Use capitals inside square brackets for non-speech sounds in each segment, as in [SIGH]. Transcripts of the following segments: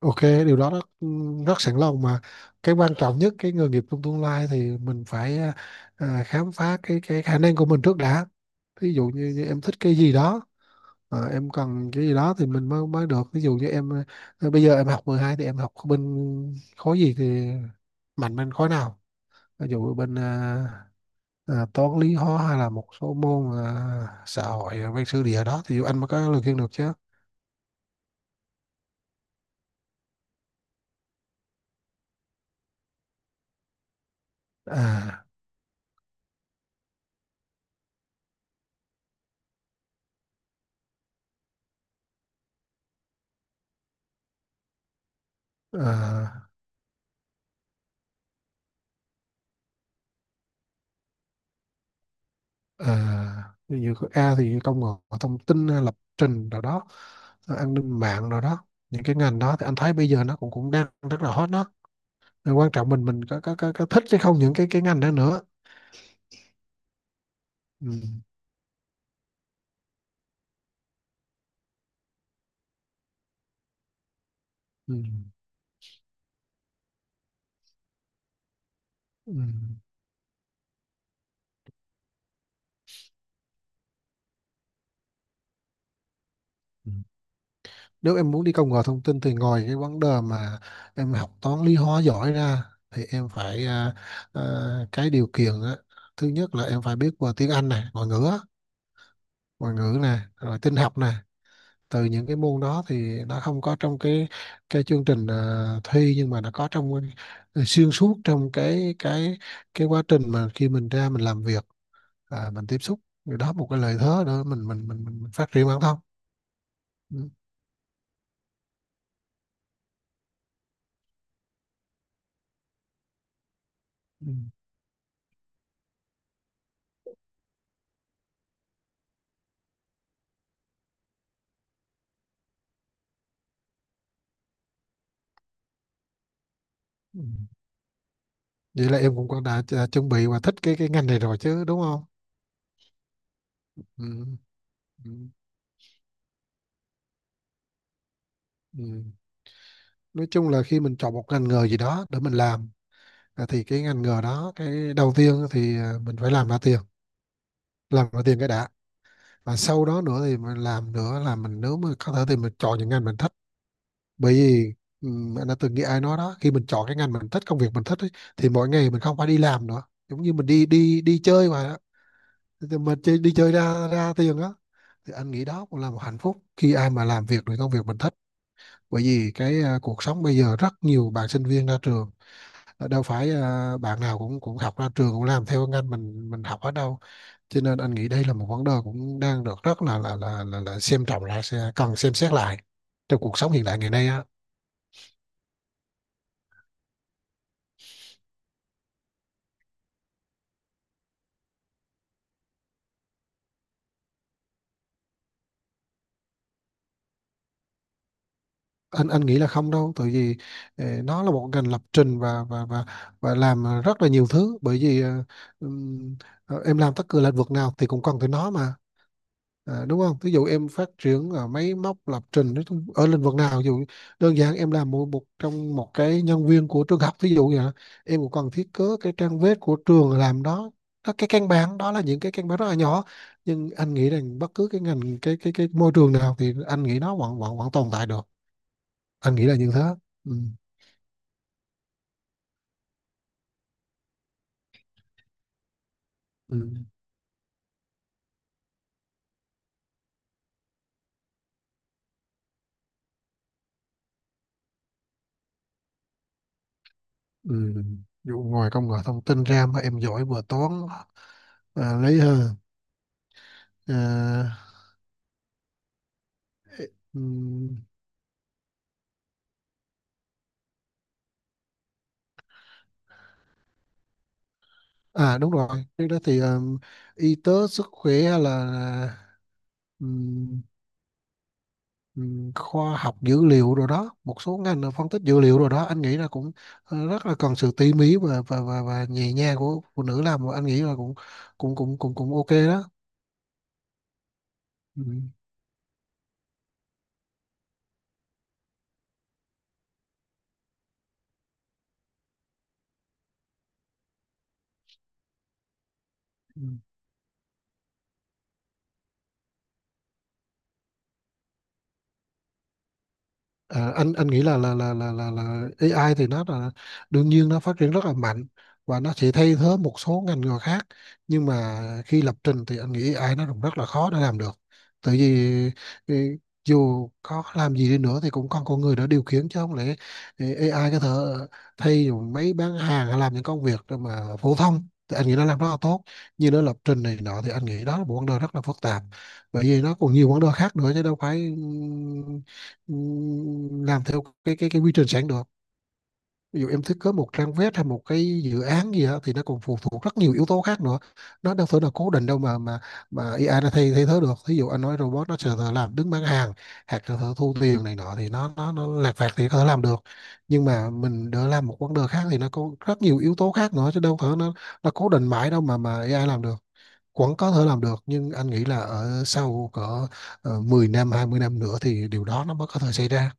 Ok, điều đó rất sẵn lòng mà. Cái quan trọng nhất cái nghề nghiệp trong tương lai thì mình phải khám phá cái khả năng của mình trước đã. Ví dụ như, như em thích cái gì đó, em cần cái gì đó thì mình mới mới được. Ví dụ như em bây giờ em học 12 thì em học bên khối gì, thì mạnh bên khối nào? Ví dụ bên toán lý hóa hay là một số môn xã hội, văn sử địa đó thì anh mới có lời khuyên được chứ. À, à ví dụ có A thì công nghệ thông tin hay lập trình rồi đó, rồi an ninh mạng rồi đó. Những cái ngành đó thì anh thấy bây giờ nó cũng cũng đang rất là hot đó. Rồi quan trọng mình mình có thích hay không những cái ngành đó nữa. Ừ. Ừ. Ừ. Ừ. Nếu em muốn đi công nghệ thông tin thì ngoài cái vấn đề mà em học toán lý hóa giỏi ra, thì em phải à, cái điều kiện á, thứ nhất là em phải biết về tiếng Anh này, ngoại ngữ á, ngoại ngữ này rồi tin học nè. Từ những cái môn đó thì nó không có trong cái chương trình thi, nhưng mà nó có trong xuyên suốt trong cái quá trình mà khi mình ra mình làm việc, mình tiếp xúc, thì đó một cái lợi thế nữa mình phát triển bản thân. Ừ. Ừ. Ừ. Vậy là em cũng có đã chuẩn bị và thích cái ngành này rồi chứ, đúng không? Ừ. Ừ. Ừ. Nói chung là khi mình chọn một ngành nghề gì đó để mình làm, thì cái ngành nghề đó cái đầu tiên thì mình phải làm ra tiền, làm ra tiền cái đã. Và sau đó nữa thì mình làm nữa là mình nếu mà có thể thì mình chọn những ngành mình thích. Bởi vì anh đã từng nghĩ ai nói đó, khi mình chọn cái ngành mình thích, công việc mình thích ấy, thì mỗi ngày mình không phải đi làm nữa, giống như mình đi đi đi chơi mà đó. Thì mình chơi, đi chơi ra ra tiền á, thì anh nghĩ đó cũng là một hạnh phúc khi ai mà làm việc được công việc mình thích. Bởi vì cái cuộc sống bây giờ rất nhiều bạn sinh viên ra trường, đâu phải bạn nào cũng cũng học ra trường cũng làm theo ngành mình học ở đâu, cho nên anh nghĩ đây là một vấn đề cũng đang được rất là xem trọng, là sẽ cần xem xét lại trong cuộc sống hiện đại ngày nay á. Anh nghĩ là không đâu, tại vì nó là một ngành lập trình và và làm rất là nhiều thứ. Bởi vì ừm, em làm tất cả lĩnh vực nào thì cũng cần tới nó mà. À, đúng không? Ví dụ em phát triển máy móc lập trình nói chung- ở lĩnh vực nào, ví dụ đơn giản em làm một trong một cái nhân viên của trường học, ví dụ vậy, đó. Em cũng cần thiết kế cái trang web của trường làm đó, đó cái căn bản, đó là những cái căn bản rất là nhỏ, nhưng anh nghĩ rằng bất cứ cái ngành cái môi trường nào thì anh nghĩ nó vẫn vẫn vẫn tồn tại được, anh nghĩ là như thế. Ừ. Ừ. Ừ. Ví dụ ngoài công nghệ thông tin ra mà em giỏi vừa toán, lấy hơn à, ừ. À đúng rồi, trước đó thì y tế sức khỏe hay là ừm, khoa học dữ liệu rồi đó, một số ngành là phân tích dữ liệu rồi đó, anh nghĩ là cũng rất là cần sự tỉ mỉ và và nhẹ nhàng của phụ nữ làm, và anh nghĩ là cũng cũng cũng cũng cũng ok đó. Ừ. Ừ. À, anh nghĩ là AI thì nó là đương nhiên, nó phát triển rất là mạnh và nó sẽ thay thế một số ngành nghề khác, nhưng mà khi lập trình thì anh nghĩ AI nó cũng rất là khó để làm được. Tại vì ừ, dù có làm gì đi nữa thì cũng còn con người đã điều khiển, chứ không lẽ AI có thể thay. Dù mấy bán hàng hay làm những công việc mà phổ thông thì anh nghĩ nó làm rất là tốt, nhưng nó lập trình này nọ thì anh nghĩ đó là một vấn đề rất là phức tạp. Bởi vì nó còn nhiều vấn đề khác nữa chứ đâu phải ừ, làm theo cái quy trình sẵn được. Ví dụ em thiết kế một trang web hay một cái dự án gì đó, thì nó còn phụ thuộc rất nhiều yếu tố khác nữa, nó đâu phải là cố định đâu mà AI nó thay thay thế được. Ví dụ anh nói robot nó sẽ tự làm đứng bán hàng hoặc là tự thu tiền này nọ thì nó lặt vặt thì có thể làm được, nhưng mà mình đỡ làm một vấn đề khác thì nó có rất nhiều yếu tố khác nữa chứ đâu phải nó cố định mãi đâu mà AI làm được. Vẫn có thể làm được, nhưng anh nghĩ là ở sau cỡ 10 năm, 20 năm nữa thì điều đó nó mới có thể xảy ra.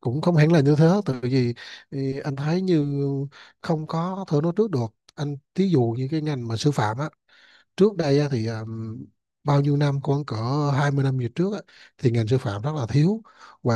Cũng không hẳn là như thế, tại vì thì anh thấy như không có thể nói trước được. Anh thí dụ như cái ngành mà sư phạm á, trước đây á, thì bao nhiêu năm, khoảng cỡ 20 năm về trước á, thì ngành sư phạm rất là thiếu, và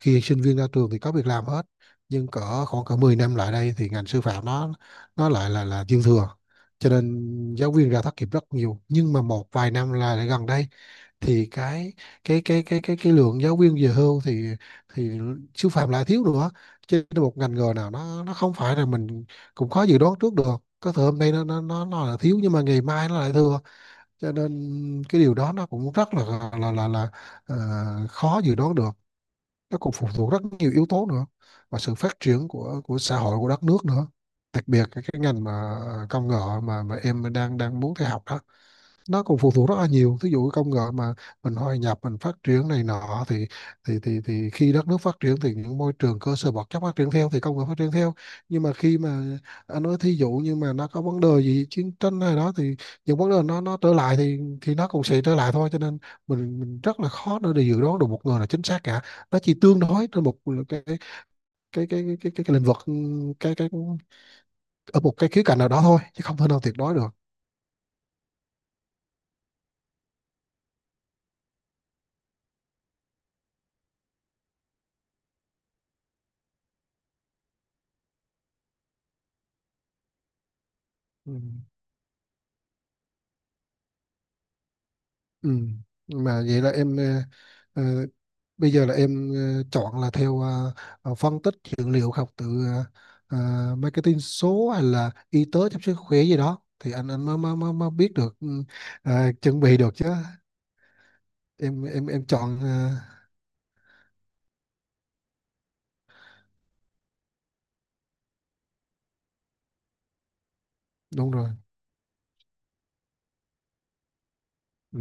khi sinh viên ra trường thì có việc làm hết. Nhưng cỡ khoảng cỡ 10 năm lại đây thì ngành sư phạm nó lại là dư thừa, cho nên giáo viên ra thất nghiệp rất nhiều. Nhưng mà một vài năm là lại gần đây thì cái lượng giáo viên về hưu thì thì siêu phàm lại thiếu nữa. Trên một ngành nghề nào nó không phải là mình, cũng khó dự đoán trước được. Có thể hôm nay nó là thiếu, nhưng mà ngày mai nó lại thừa, cho nên cái điều đó nó cũng rất là ờ, khó dự đoán được. Nó còn phụ thuộc rất nhiều yếu tố nữa, và sự phát triển của xã hội, của đất nước nữa. Đặc biệt cái ngành mà công nghệ mà em đang đang muốn theo học đó, nó còn phụ thuộc rất là nhiều. Ví dụ công nghệ mà mình hòa nhập mình phát triển này nọ thì thì khi đất nước phát triển thì những môi trường cơ sở vật chất phát triển theo, thì công nghệ phát triển theo. Nhưng mà khi mà anh nói thí dụ như mà nó có vấn đề gì chiến tranh hay đó thì những vấn đề nó trở lại thì nó cũng sẽ trở lại thôi, cho nên mình rất là khó để dự đoán được một người là chính xác cả. Nó chỉ tương đối trên một cái cái cái lĩnh vực, ừ, cái ở một cái khía cạnh nào đó thôi chứ không thể nào tuyệt đối được. Ừ. Ừ. Mà vậy là em ờ, bây giờ là em chọn là theo phân tích dữ liệu, học từ marketing số hay là y tế chăm sóc sức khỏe gì đó, thì anh mới mới biết được chuẩn bị được chứ. Em chọn đúng rồi. Ừ.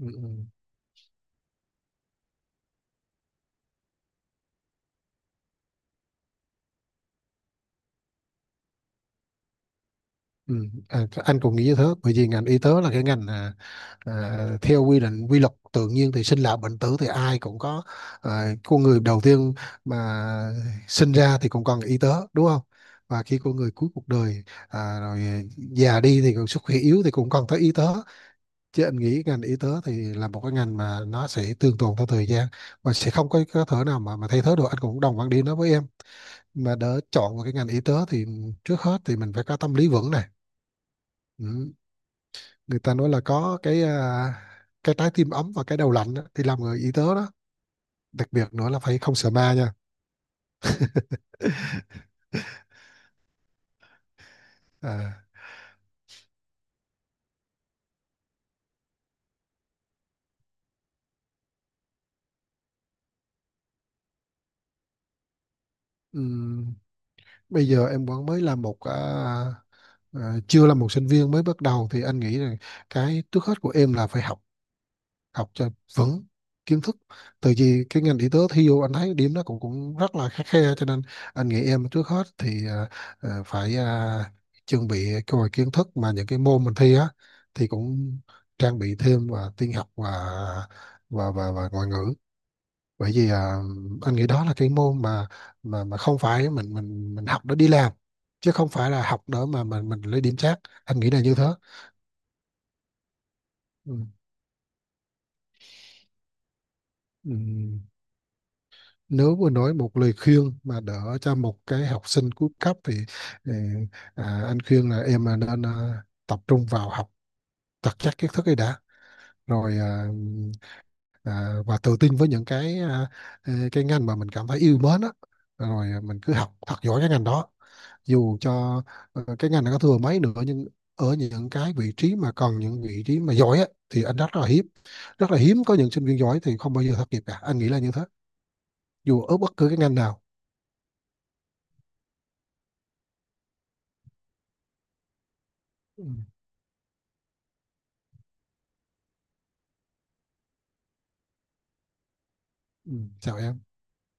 Ừ. Ừ. Ừ, à, anh cũng nghĩ như thế, bởi vì ngành y tế là cái ngành à, theo quy định, quy luật tự nhiên thì sinh lão bệnh tử thì ai cũng có. Con người đầu tiên mà sinh ra thì cũng cần y tế, đúng không? Và khi con người cuối cuộc đời, rồi già đi thì còn sức khỏe yếu thì cũng cần tới y tế. Chứ anh nghĩ ngành y tế thì là một cái ngành mà nó sẽ tương tồn theo thời gian, và sẽ không có có thể nào mà thay thế được, anh cũng đồng quan điểm đó với em. Mà để chọn một cái ngành y tế thì trước hết thì mình phải có tâm lý vững này, ừ, người ta nói là có cái cái trái tim ấm và cái đầu lạnh á, thì làm người y tế đó. Đặc biệt nữa là phải không sợ ma nha. [LAUGHS] à, ừm, bây giờ em vẫn mới là một à, chưa là một sinh viên mới bắt đầu, thì anh nghĩ là cái trước hết của em là phải học, học cho vững kiến thức. Từ vì cái ngành y tế thi vô anh thấy điểm nó cũng cũng rất là khắt khe, cho nên anh nghĩ em trước hết thì phải chuẩn bị cái vài kiến thức mà những cái môn mình thi á, thì cũng trang bị thêm và tin học và và ngoại ngữ. Bởi vì anh nghĩ đó là cái môn mà mà không phải mình học để đi làm, chứ không phải là học để mà mình lấy điểm trác, anh nghĩ là như thế. Ừ. Ừ. Nếu mà nói một lời khuyên mà đỡ cho một cái học sinh cuối cấp thì ừ, anh khuyên là em nên tập trung vào học thật chắc kiến thức ấy đã. Rồi và tự tin với những cái cái ngành mà mình cảm thấy yêu mến á, rồi mình cứ học thật giỏi cái ngành đó. Dù cho cái ngành này có thừa mấy nữa, nhưng ở những cái vị trí mà cần, những vị trí mà giỏi á, thì anh rất là hiếm, rất là hiếm có. Những sinh viên giỏi thì không bao giờ thất nghiệp cả, anh nghĩ là như thế, dù ở bất cứ cái ngành nào. Ừ. Ừ, chào em.